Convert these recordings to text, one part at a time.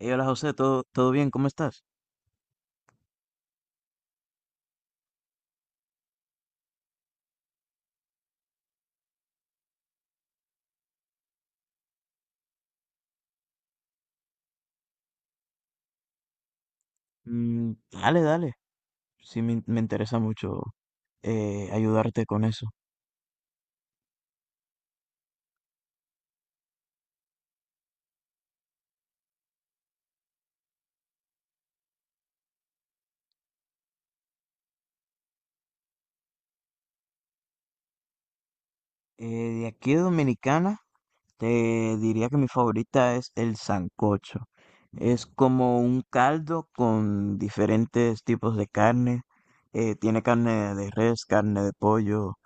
Hey, hola José, ¿todo bien? ¿Cómo estás? Mm, dale, dale. Sí, me interesa mucho, ayudarte con eso. Eh, de aquí de Dominicana, te diría que mi favorita es el sancocho. Es como un caldo con diferentes tipos de carne. Tiene carne de res, carne de pollo.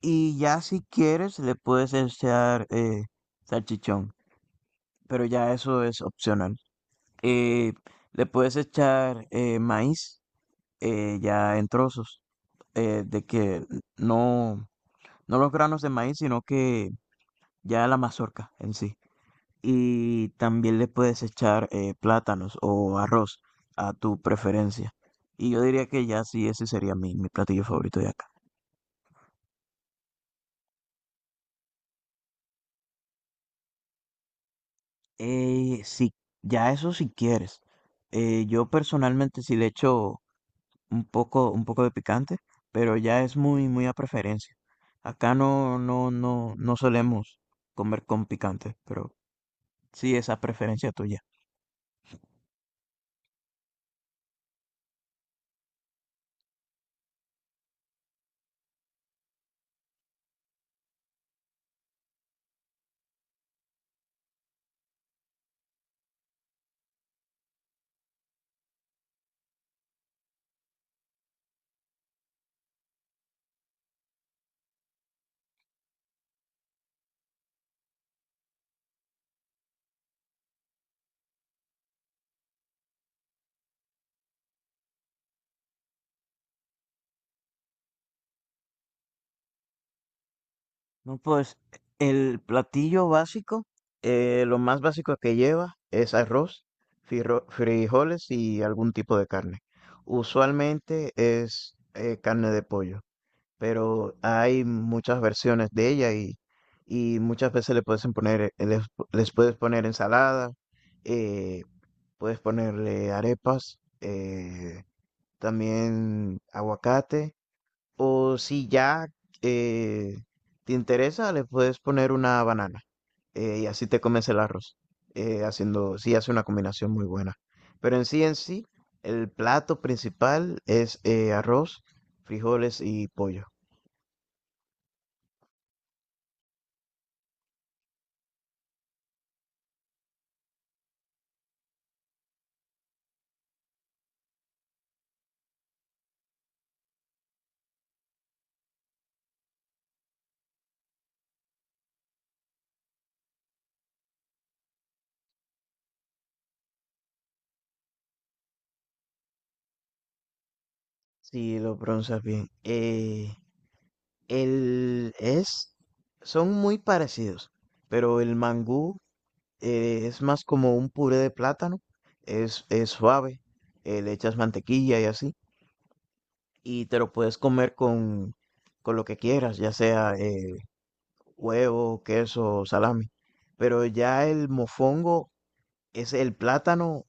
Y ya si quieres, le puedes echar, salchichón. Pero ya eso es opcional. Eh, Le puedes echar, maíz, ya en trozos, de que no, no los granos de maíz, sino que ya la mazorca en sí. Y también le puedes echar, plátanos o arroz a tu preferencia. Y yo diría que ya sí, ese sería mi platillo favorito de acá. Sí, ya eso si quieres. Yo personalmente sí le echo un poco de picante, pero ya es muy, muy a preferencia. Acá no, no, no, no solemos comer con picante, pero sí es a preferencia tuya. No, pues el platillo básico, lo más básico que lleva es arroz, frijoles y algún tipo de carne. Usualmente es, carne de pollo. Pero hay muchas versiones de ella y, muchas veces le puedes poner, les puedes poner ensalada, eh, puedes ponerle arepas, también aguacate, o si ya, eh, te interesa, le puedes poner una banana, y así te comes el arroz, haciendo, sí hace una combinación muy buena. Pero en sí, el plato principal es, arroz, frijoles y pollo. Sí, lo pronuncias bien. El es, son muy parecidos, pero el mangú, es más como un puré de plátano, es suave, le echas mantequilla y así, y te lo puedes comer con lo que quieras, ya sea, huevo, queso o salami. Pero ya el mofongo es el plátano,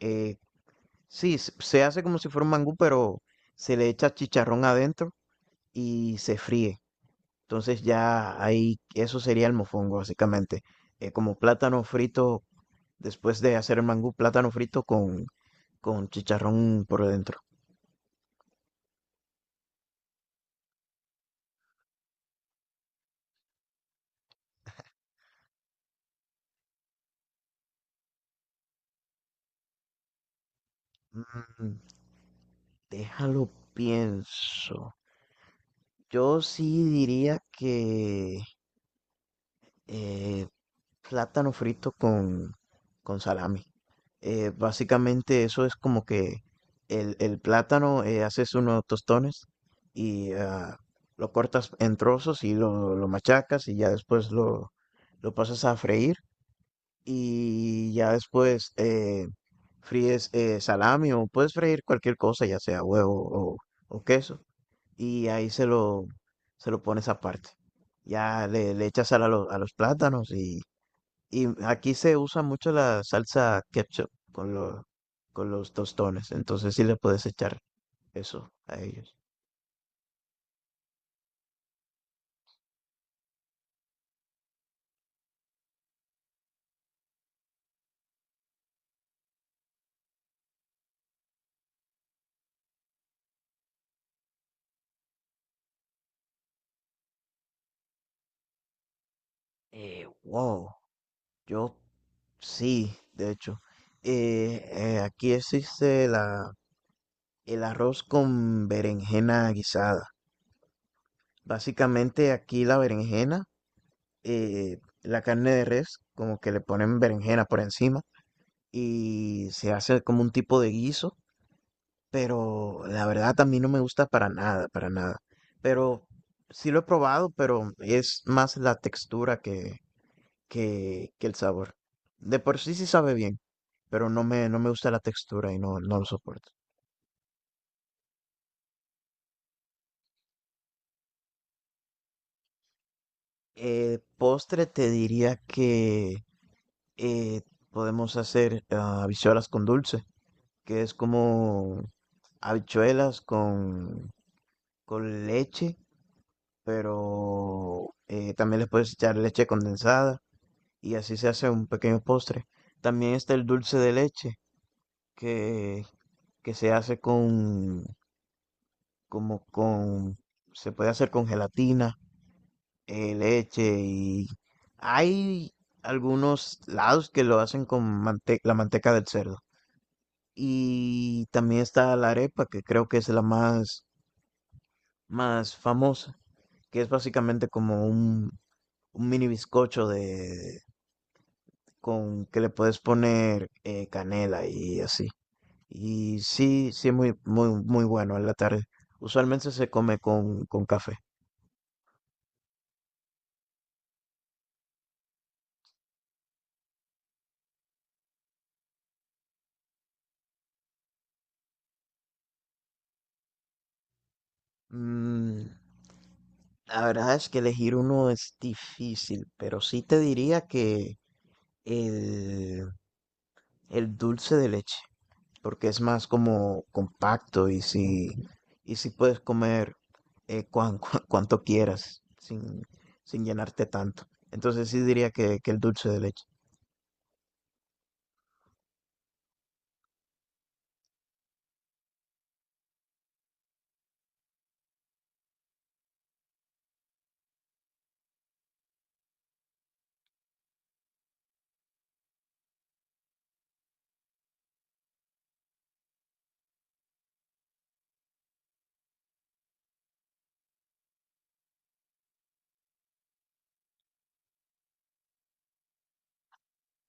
eh, sí, se hace como si fuera un mangú, pero se le echa chicharrón adentro y se fríe. Entonces ya ahí, eso sería el mofongo básicamente. Como plátano frito, después de hacer el mangú, plátano frito con chicharrón por dentro. Mm, déjalo pienso. Yo sí diría que, eh, plátano frito con salami. Básicamente eso es como que el plátano, haces unos tostones y ah, lo cortas en trozos y lo machacas y ya después lo pasas a freír y ya después, fríes, salami o puedes freír cualquier cosa, ya sea huevo o queso y ahí se lo pones aparte. Ya le echas sal a, a los plátanos y aquí se usa mucho la salsa ketchup con los tostones, entonces sí le puedes echar eso a ellos. Wow, yo sí, de hecho. Eh, aquí existe el arroz con berenjena guisada. Básicamente aquí la berenjena, la carne de res, como que le ponen berenjena por encima y se hace como un tipo de guiso, pero la verdad a mí no me gusta para nada, para nada. Pero sí lo he probado, pero es más la textura que el sabor. De por sí sí sabe bien, pero no me gusta la textura y no, no lo soporto. Postre te diría que, eh, podemos hacer, ah, habichuelas con dulce, que es como habichuelas con leche, pero, también les puedes echar leche condensada y así se hace un pequeño postre. También está el dulce de leche que, que se hace con, se puede hacer con gelatina, leche y hay algunos lados que lo hacen con la manteca del cerdo. Y también está la arepa, que creo que es más famosa, que es básicamente como un mini bizcocho de, con que le puedes poner, canela y así. Y sí, sí es muy, muy, muy bueno en la tarde. Usualmente se come con café. Mm, la verdad es que elegir uno es difícil, pero sí te diría que el, el dulce de leche, porque es más como compacto y si puedes comer, cuanto quieras sin, sin llenarte tanto. Entonces sí diría que el dulce de leche.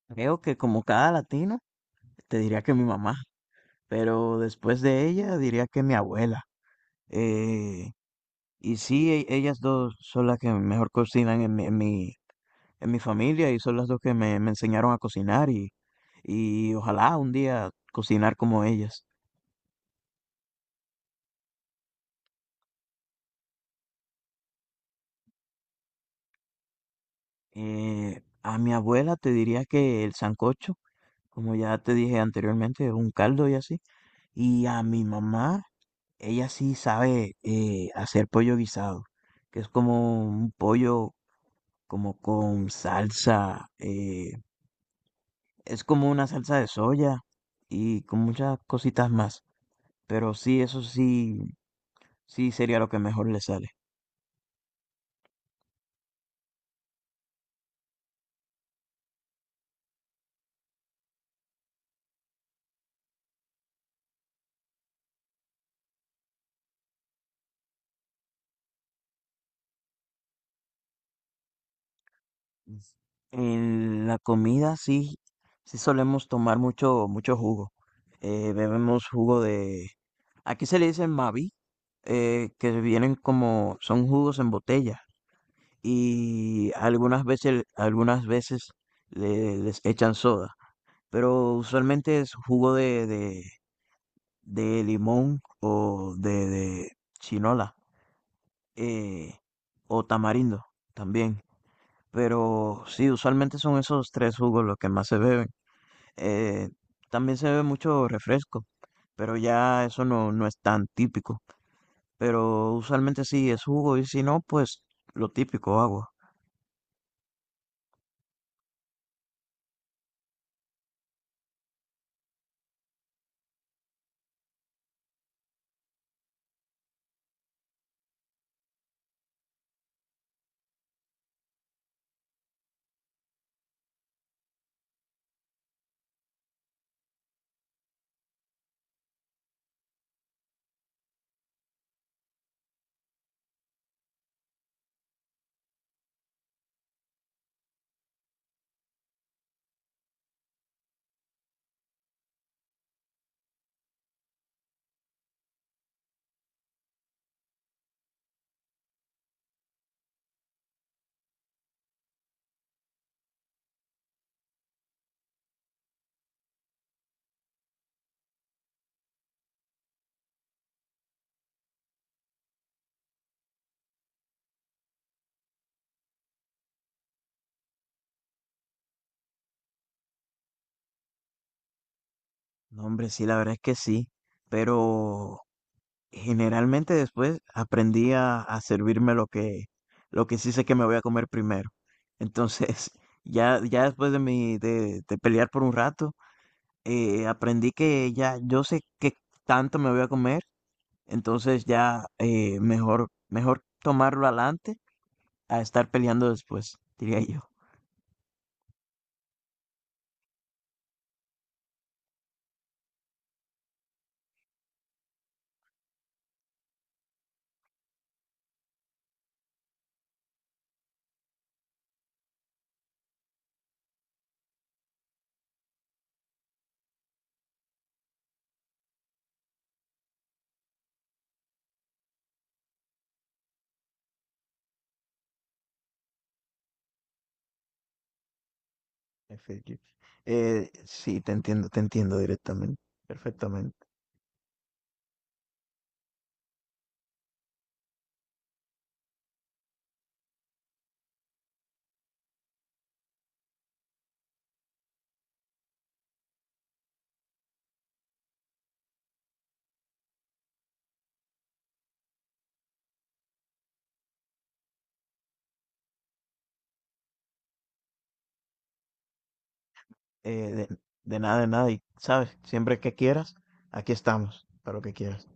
Creo que como cada latino, te diría que mi mamá. Pero después de ella diría que mi abuela. Eh, y sí, ellas dos son las que mejor cocinan en en mi familia y son las dos que me enseñaron a cocinar y ojalá un día cocinar como ellas. A mi abuela te diría que el sancocho, como ya te dije anteriormente, es un caldo y así. Y a mi mamá, ella sí sabe, hacer pollo guisado, que es como un pollo como con salsa, es como una salsa de soya y con muchas cositas más, pero sí, eso sí, sí sería lo que mejor le sale. En la comida sí, sí solemos tomar mucho, mucho jugo. Bebemos jugo de, aquí se le dice Mavi, que vienen como, son jugos en botella y algunas veces les echan soda. Pero usualmente es de limón o de chinola, eh, o tamarindo también. Pero sí, usualmente son esos tres jugos los que más se beben. Eh, también se bebe mucho refresco, pero ya eso no, no es tan típico. Pero usualmente sí es jugo y si no, pues lo típico, agua. No, hombre, sí, la verdad es que sí, pero generalmente después aprendí a servirme lo que sí sé que me voy a comer primero. Entonces, ya, ya después de de pelear por un rato, aprendí que ya yo sé qué tanto me voy a comer. Entonces ya, mejor, mejor tomarlo adelante a estar peleando después, diría yo. Efectivo. Sí, te entiendo directamente, perfectamente. Eh, de, de nada, de nada. Y sabes, siempre que quieras, aquí estamos para lo que quieras.